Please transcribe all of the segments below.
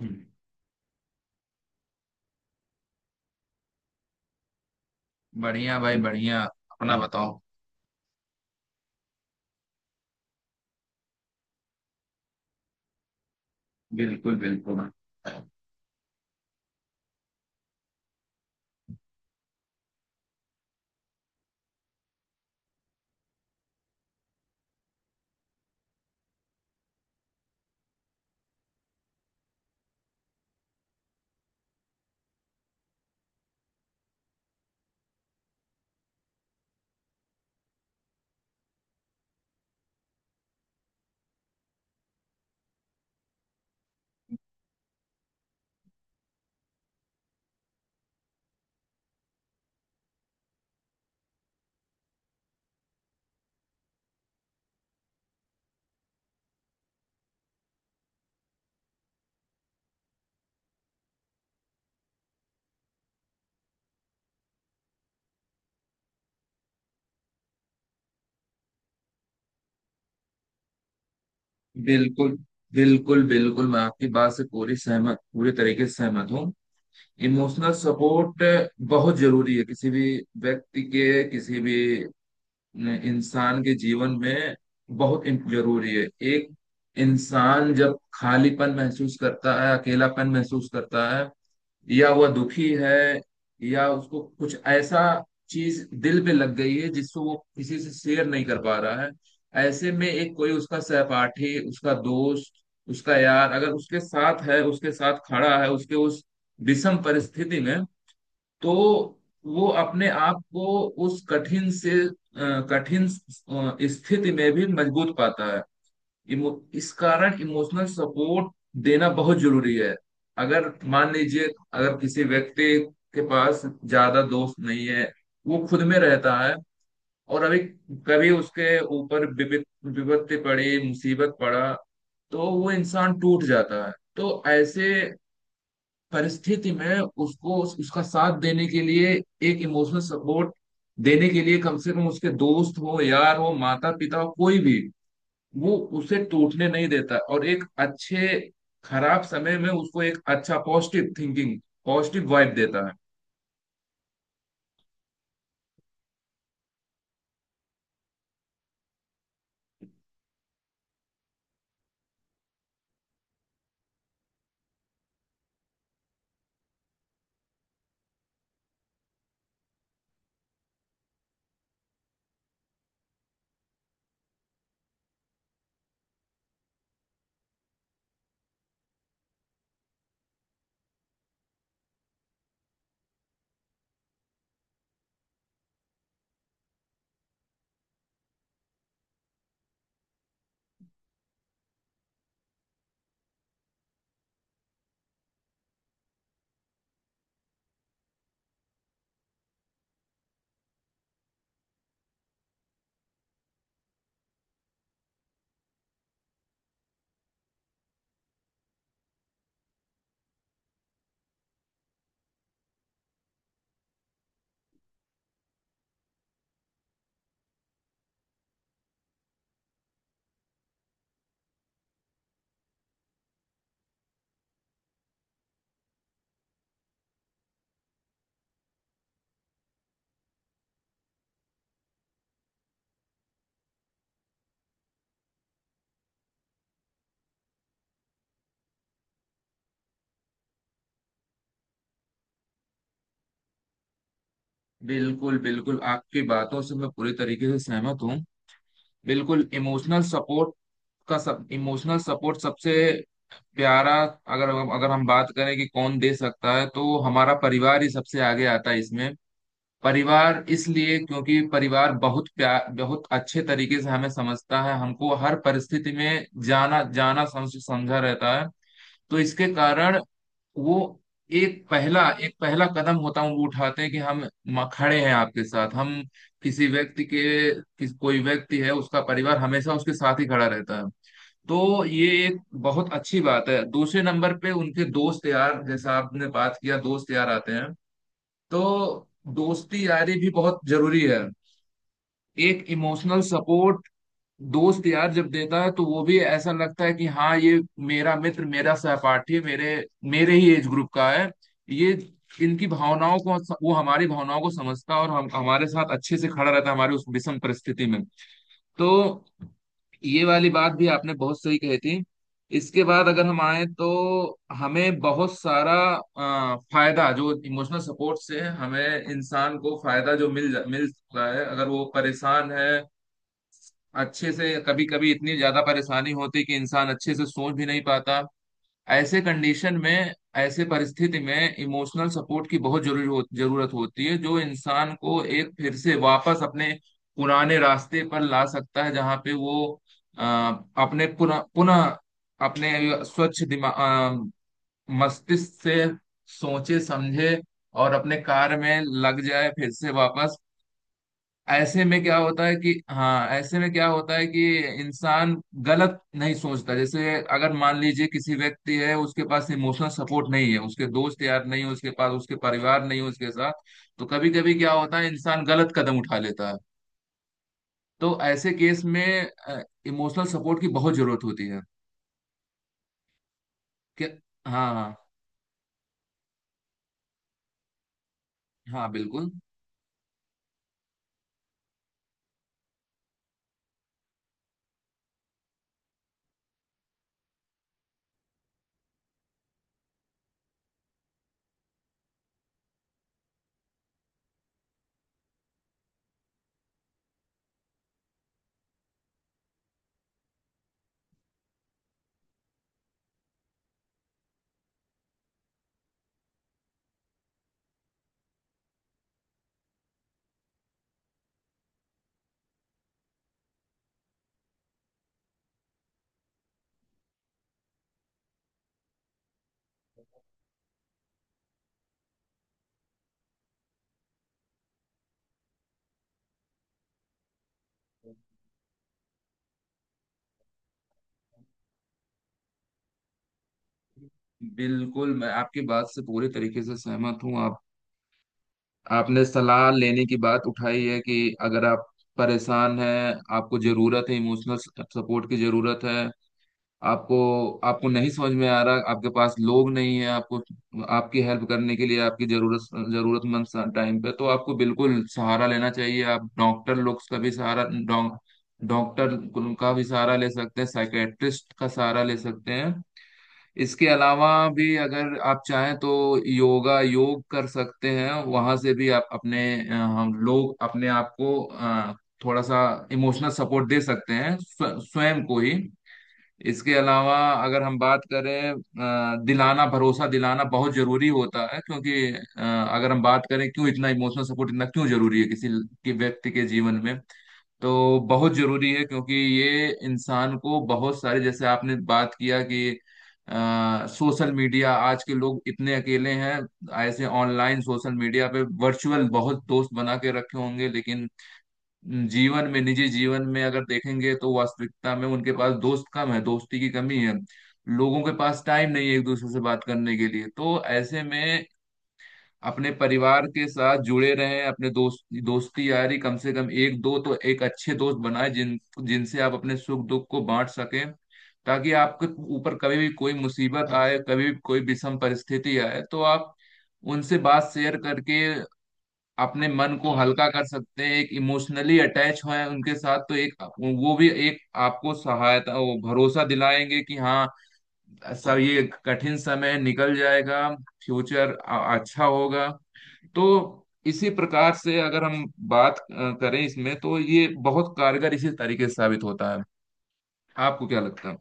हम्म। बढ़िया भाई बढ़िया। अपना बताओ। बिल्कुल बिल्कुल, बिल्कुल बिल्कुल, बिल्कुल मैं आपकी बात से पूरी तरीके से सहमत हूँ। इमोशनल सपोर्ट बहुत जरूरी है किसी भी व्यक्ति के, किसी भी इंसान के जीवन में बहुत जरूरी है। एक इंसान जब खालीपन महसूस करता है, अकेलापन महसूस करता है, या वह दुखी है, या उसको कुछ ऐसा चीज दिल पे लग गई है जिसको वो किसी से शेयर नहीं कर पा रहा है। ऐसे में एक कोई उसका सहपाठी, उसका दोस्त, उसका यार अगर उसके साथ है, उसके साथ खड़ा है उसके उस विषम परिस्थिति में, तो वो अपने आप को उस कठिन स्थिति में भी मजबूत पाता है। इमो, इस कारण इमोशनल सपोर्ट देना बहुत जरूरी है। अगर मान लीजिए, अगर किसी व्यक्ति के पास ज्यादा दोस्त नहीं है, वो खुद में रहता है, और अभी कभी उसके ऊपर विपत्ति पड़ी, मुसीबत पड़ा, तो वो इंसान टूट जाता है। तो ऐसे परिस्थिति में उसको उसका साथ देने के लिए, एक इमोशनल सपोर्ट देने के लिए, कम से कम उसके दोस्त हो, यार हो, माता पिता हो, कोई भी, वो उसे टूटने नहीं देता। और एक अच्छे खराब समय में उसको एक अच्छा पॉजिटिव थिंकिंग, पॉजिटिव वाइब देता है। बिल्कुल बिल्कुल, आपकी बातों से मैं पूरी तरीके से सहमत हूँ। बिल्कुल इमोशनल सपोर्ट का सब, इमोशनल सपोर्ट सबसे प्यारा। अगर अगर हम बात करें कि कौन दे सकता है, तो हमारा परिवार ही सबसे आगे आता है इसमें। परिवार इसलिए क्योंकि परिवार बहुत प्यार, बहुत अच्छे तरीके से हमें समझता है, हमको हर परिस्थिति में जाना जाना समझ समझा रहता है। तो इसके कारण वो एक पहला कदम होता है, वो उठाते हैं कि हम खड़े हैं आपके साथ। हम किसी व्यक्ति के किस कोई व्यक्ति है, उसका परिवार हमेशा उसके साथ ही खड़ा रहता है। तो ये एक बहुत अच्छी बात है। दूसरे नंबर पे उनके दोस्त यार, जैसा आपने बात किया, दोस्त यार आते हैं। तो दोस्ती यारी भी बहुत जरूरी है। एक इमोशनल सपोर्ट दोस्त यार जब देता है, तो वो भी ऐसा लगता है कि हाँ, ये मेरा मित्र, मेरा सहपाठी, मेरे मेरे ही एज ग्रुप का है। ये इनकी भावनाओं को, वो हमारी भावनाओं को समझता है, और हम हमारे साथ अच्छे से खड़ा रहता है हमारी उस विषम परिस्थिति में। तो ये वाली बात भी आपने बहुत सही कही थी। इसके बाद अगर हम आए, तो हमें बहुत सारा फायदा जो इमोशनल सपोर्ट से हमें, इंसान को फायदा जो मिल सकता है अगर वो परेशान है। अच्छे से कभी कभी इतनी ज्यादा परेशानी होती कि इंसान अच्छे से सोच भी नहीं पाता। ऐसे कंडीशन में, ऐसे परिस्थिति में इमोशनल सपोर्ट की बहुत जरूरत होती है, जो इंसान को एक फिर से वापस अपने पुराने रास्ते पर ला सकता है। जहाँ पे वो अ, अपने पुनः पुनः अपने स्वच्छ दिमाग, मस्तिष्क से सोचे समझे, और अपने कार्य में लग जाए फिर से वापस। ऐसे में क्या होता है कि हाँ, ऐसे में क्या होता है कि इंसान गलत नहीं सोचता। जैसे अगर मान लीजिए किसी व्यक्ति है, उसके पास इमोशनल सपोर्ट नहीं है, उसके दोस्त यार नहीं है उसके पास, उसके परिवार नहीं है उसके साथ, तो कभी कभी क्या होता है इंसान गलत कदम उठा लेता है। तो ऐसे केस में इमोशनल सपोर्ट की बहुत जरूरत होती है। कि हाँ हाँ। हाँ बिल्कुल, बिल्कुल मैं आपकी बात से पूरे तरीके से सहमत हूँ। आप आपने सलाह लेने की बात उठाई है कि अगर आप परेशान हैं, आपको जरूरत है, इमोशनल सपोर्ट की जरूरत है। आपको, नहीं समझ में आ रहा, आपके पास लोग नहीं है आपको, आपकी हेल्प करने के लिए, आपकी जरूरतमंद टाइम पे, तो आपको बिल्कुल सहारा लेना चाहिए। आप डॉक्टर लोग का भी सहारा, डॉक्टर का भी सहारा ले सकते हैं, साइकेट्रिस्ट का सहारा ले सकते हैं। इसके अलावा भी अगर आप चाहें तो योग कर सकते हैं, वहां से भी आप अपने, हम लोग अपने आप को थोड़ा सा इमोशनल सपोर्ट दे सकते हैं, स्वयं को ही। इसके अलावा अगर हम बात करें, अ, दिलाना भरोसा दिलाना बहुत जरूरी होता है, क्योंकि अगर हम बात करें क्यों इतना इमोशनल सपोर्ट इतना क्यों जरूरी है किसी के, व्यक्ति के जीवन में, तो बहुत जरूरी है। क्योंकि ये इंसान को बहुत सारे, जैसे आपने बात किया कि सोशल मीडिया आज के लोग इतने अकेले हैं। ऐसे ऑनलाइन सोशल मीडिया पे वर्चुअल बहुत दोस्त बना के रखे होंगे, लेकिन जीवन में, निजी जीवन में अगर देखेंगे, तो वास्तविकता में उनके पास दोस्त कम है, दोस्ती की कमी है। लोगों के पास टाइम नहीं है एक दूसरे से बात करने के लिए। तो ऐसे में अपने परिवार के साथ जुड़े रहें, अपने दोस्त, दोस्ती यारी कम से कम एक दो, तो एक अच्छे दोस्त बनाए जिनसे आप अपने सुख दुख को बांट सकें। ताकि आपके ऊपर कभी भी कोई मुसीबत आए, कभी भी कोई विषम परिस्थिति आए, तो आप उनसे बात शेयर करके अपने मन को हल्का कर सकते हैं। एक इमोशनली अटैच हों उनके साथ, तो एक वो भी एक आपको सहायता, वो भरोसा दिलाएंगे कि हाँ, सब ये कठिन समय निकल जाएगा, फ्यूचर अच्छा होगा। तो इसी प्रकार से अगर हम बात करें इसमें, तो ये बहुत कारगर इसी तरीके से साबित होता है। आपको क्या लगता है?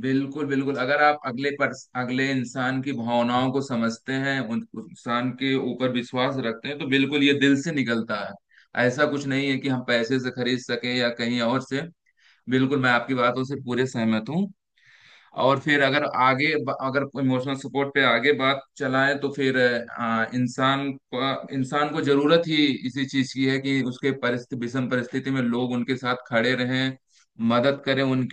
बिल्कुल बिल्कुल, अगर आप अगले इंसान की भावनाओं को समझते हैं, उन उस इंसान के ऊपर विश्वास रखते हैं, तो बिल्कुल ये दिल से निकलता है। ऐसा कुछ नहीं है कि हम पैसे से खरीद सकें या कहीं और से। बिल्कुल मैं आपकी बातों से पूरे सहमत हूँ। और फिर अगर आगे अगर इमोशनल सपोर्ट पे आगे बात चलाएं, तो फिर इंसान को जरूरत ही इसी चीज की है कि उसके परिस्थिति, विषम परिस्थिति में लोग उनके साथ खड़े रहें, मदद करें उनकी।